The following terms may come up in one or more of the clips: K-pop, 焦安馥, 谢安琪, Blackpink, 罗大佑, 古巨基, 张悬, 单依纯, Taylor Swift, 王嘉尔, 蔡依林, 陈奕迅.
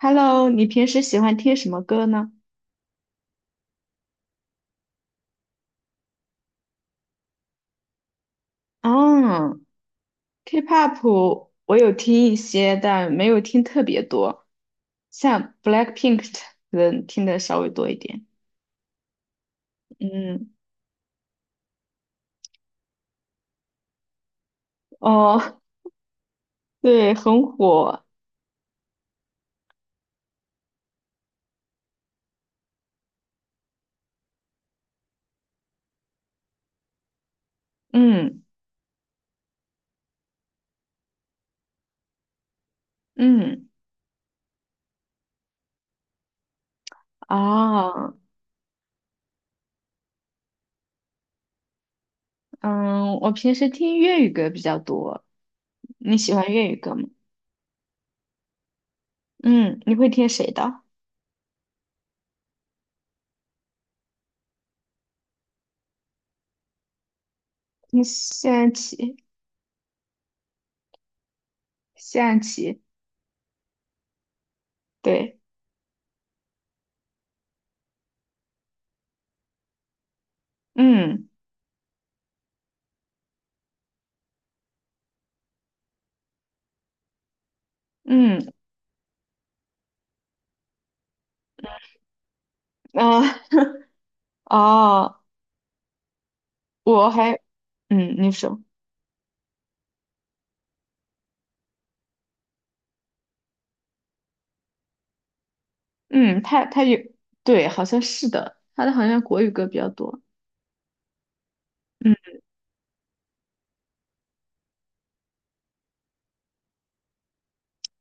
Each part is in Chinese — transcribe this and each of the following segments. Hello，你平时喜欢听什么歌呢？嗯，K-pop 我有听一些，但没有听特别多，像 Blackpink 的人听的稍微多一点。嗯，哦，对，很火。嗯嗯，啊，嗯，我平时听粤语歌比较多。你喜欢粤语歌吗？嗯，你会听谁的？听谢安琪，谢安琪，对，嗯嗯，啊、哦，我还嗯，那首，嗯，他有，对，好像是的，他的好像国语歌比较多。嗯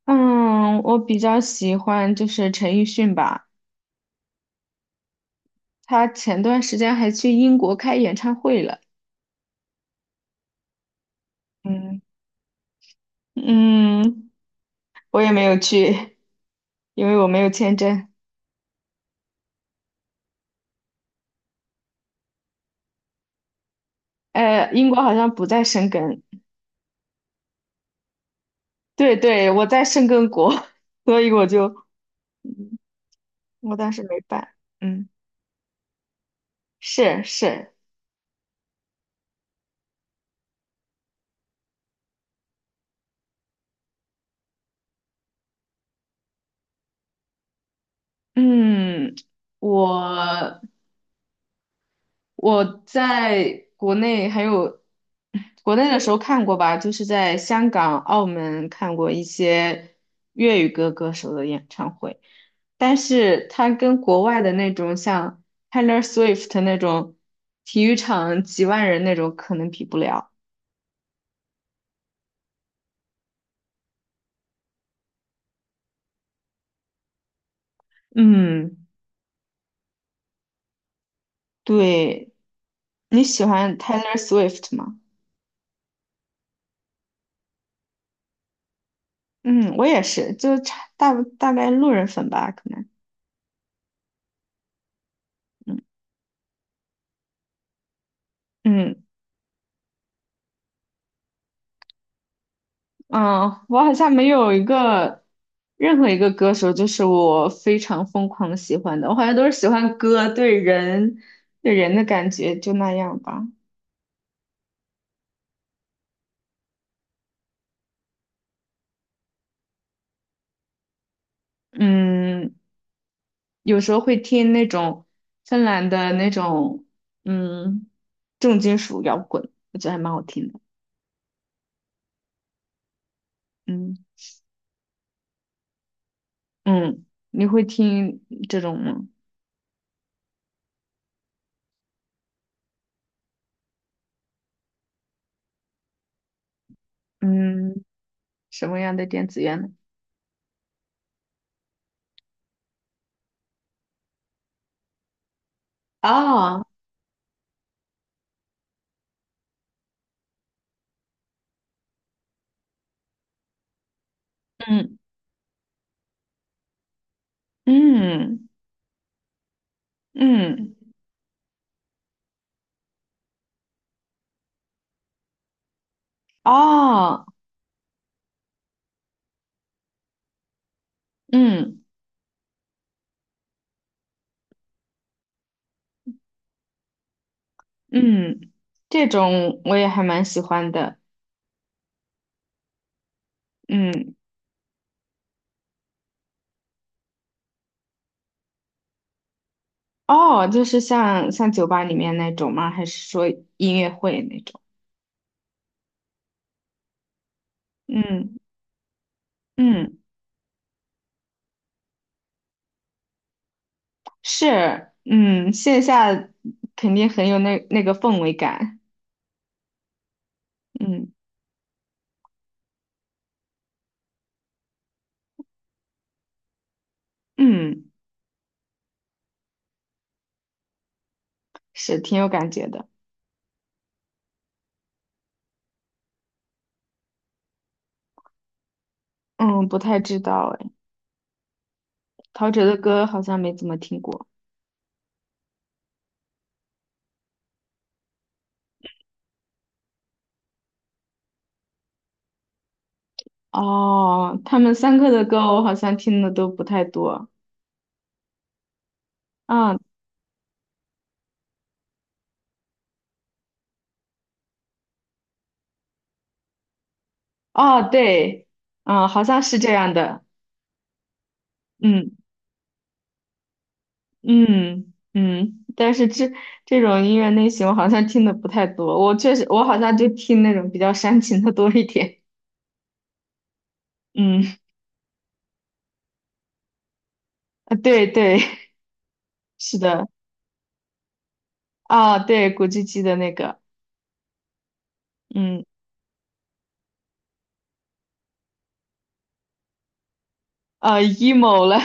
嗯，我比较喜欢就是陈奕迅吧，他前段时间还去英国开演唱会了。嗯嗯，我也没有去，因为我没有签证。英国好像不在申根，对对，我在申根国，所以我就，嗯我当时没办。嗯，是是，嗯，我。我在国内还有国内的时候看过吧，就是在香港、澳门看过一些粤语歌歌手的演唱会，但是它跟国外的那种像 Taylor Swift 那种体育场几万人那种可能比不了。嗯，对，你喜欢 Taylor Swift 吗？嗯，我也是，就差大概路人粉吧，可能。嗯嗯。嗯，我好像没有一个任何一个歌手，就是我非常疯狂的喜欢的。我好像都是喜欢歌对人的感觉，就那样吧。嗯，有时候会听那种芬兰的那种嗯重金属摇滚，我觉得还蛮好听的。嗯嗯，你会听这种吗？嗯，什么样的电子乐呢？哦，嗯嗯嗯，哦，嗯。嗯，这种我也还蛮喜欢的。嗯，哦，就是像酒吧里面那种吗？还是说音乐会那种？嗯嗯，是，嗯，线下肯定很有那个氛围感。嗯嗯，是挺有感觉的。嗯，不太知道哎，陶喆的歌好像没怎么听过。哦，他们三个的歌我好像听的都不太多。嗯，哦，对，嗯，好像是这样的。嗯。嗯嗯，但是这种音乐类型我好像听的不太多，我确实我好像就听那种比较煽情的多一点。嗯，啊对对，是的，啊对，古巨基的那个，嗯，啊 emo 了，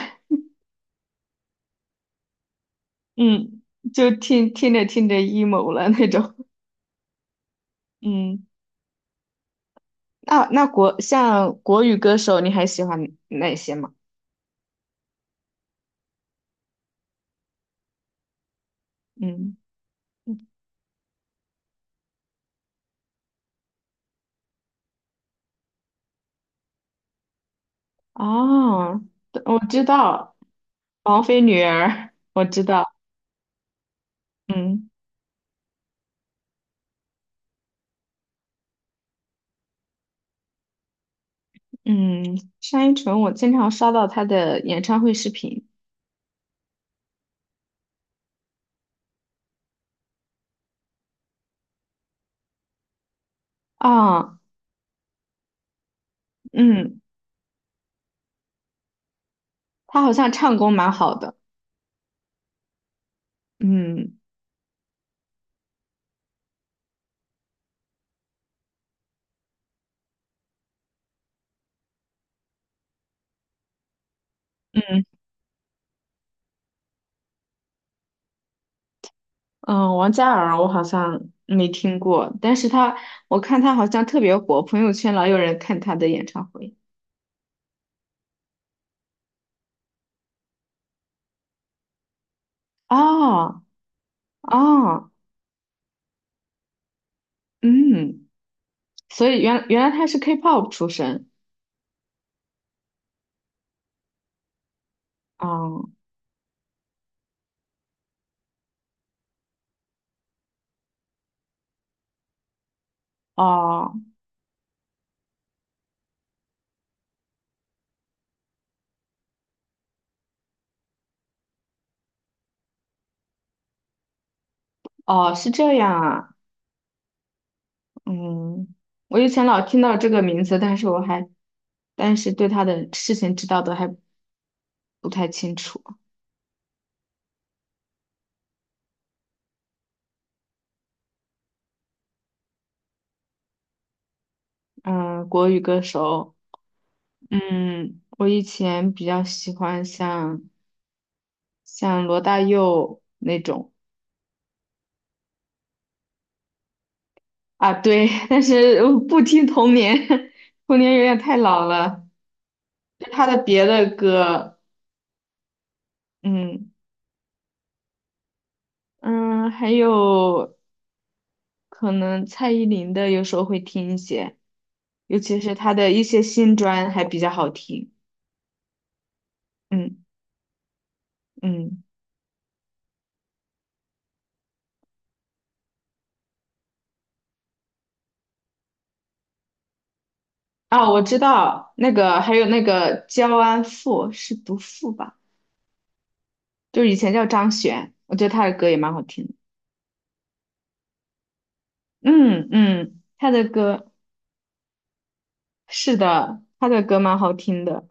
嗯，就听着听着 emo 了那种。嗯，那像国语歌手，你还喜欢哪些吗？嗯，哦，我知道，王菲女儿，我知道，嗯。嗯，单依纯，我经常刷到她的演唱会视频啊，嗯，她好像唱功蛮好的，嗯嗯嗯，王嘉尔我好像没听过，但是他我看他好像特别火，朋友圈老有人看他的演唱会，哦哦，嗯，所以原来她是 K-pop 出身，哦哦哦，是这样啊，嗯。我以前老听到这个名字，但是我还，但是对他的事情知道的还不太清楚。嗯，国语歌手，嗯，我以前比较喜欢像罗大佑那种啊，对，但是我不听童年，童年有点太老了。就他的别的歌，嗯嗯，还有可能蔡依林的有时候会听一些，尤其是他的一些新专还比较好听。嗯嗯，哦，我知道那个，还有那个焦安富是读富吧？就是以前叫张悬，我觉得他的歌也蛮好听的。嗯嗯，他的歌是的，他的歌蛮好听的。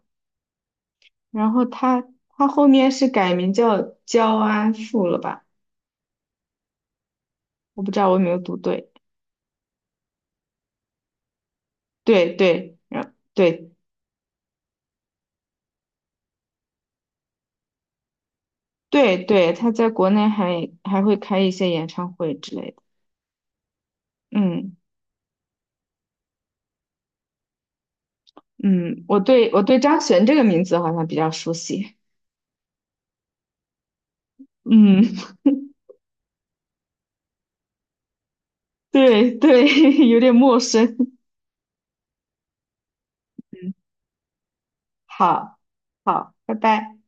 然后他后面是改名叫焦安馥了吧？我不知道我有没有读对。对对对对对，他在国内还会开一些演唱会之类的。嗯嗯，我对张悬这个名字好像比较熟悉。嗯，对对，有点陌生。好，好，拜拜。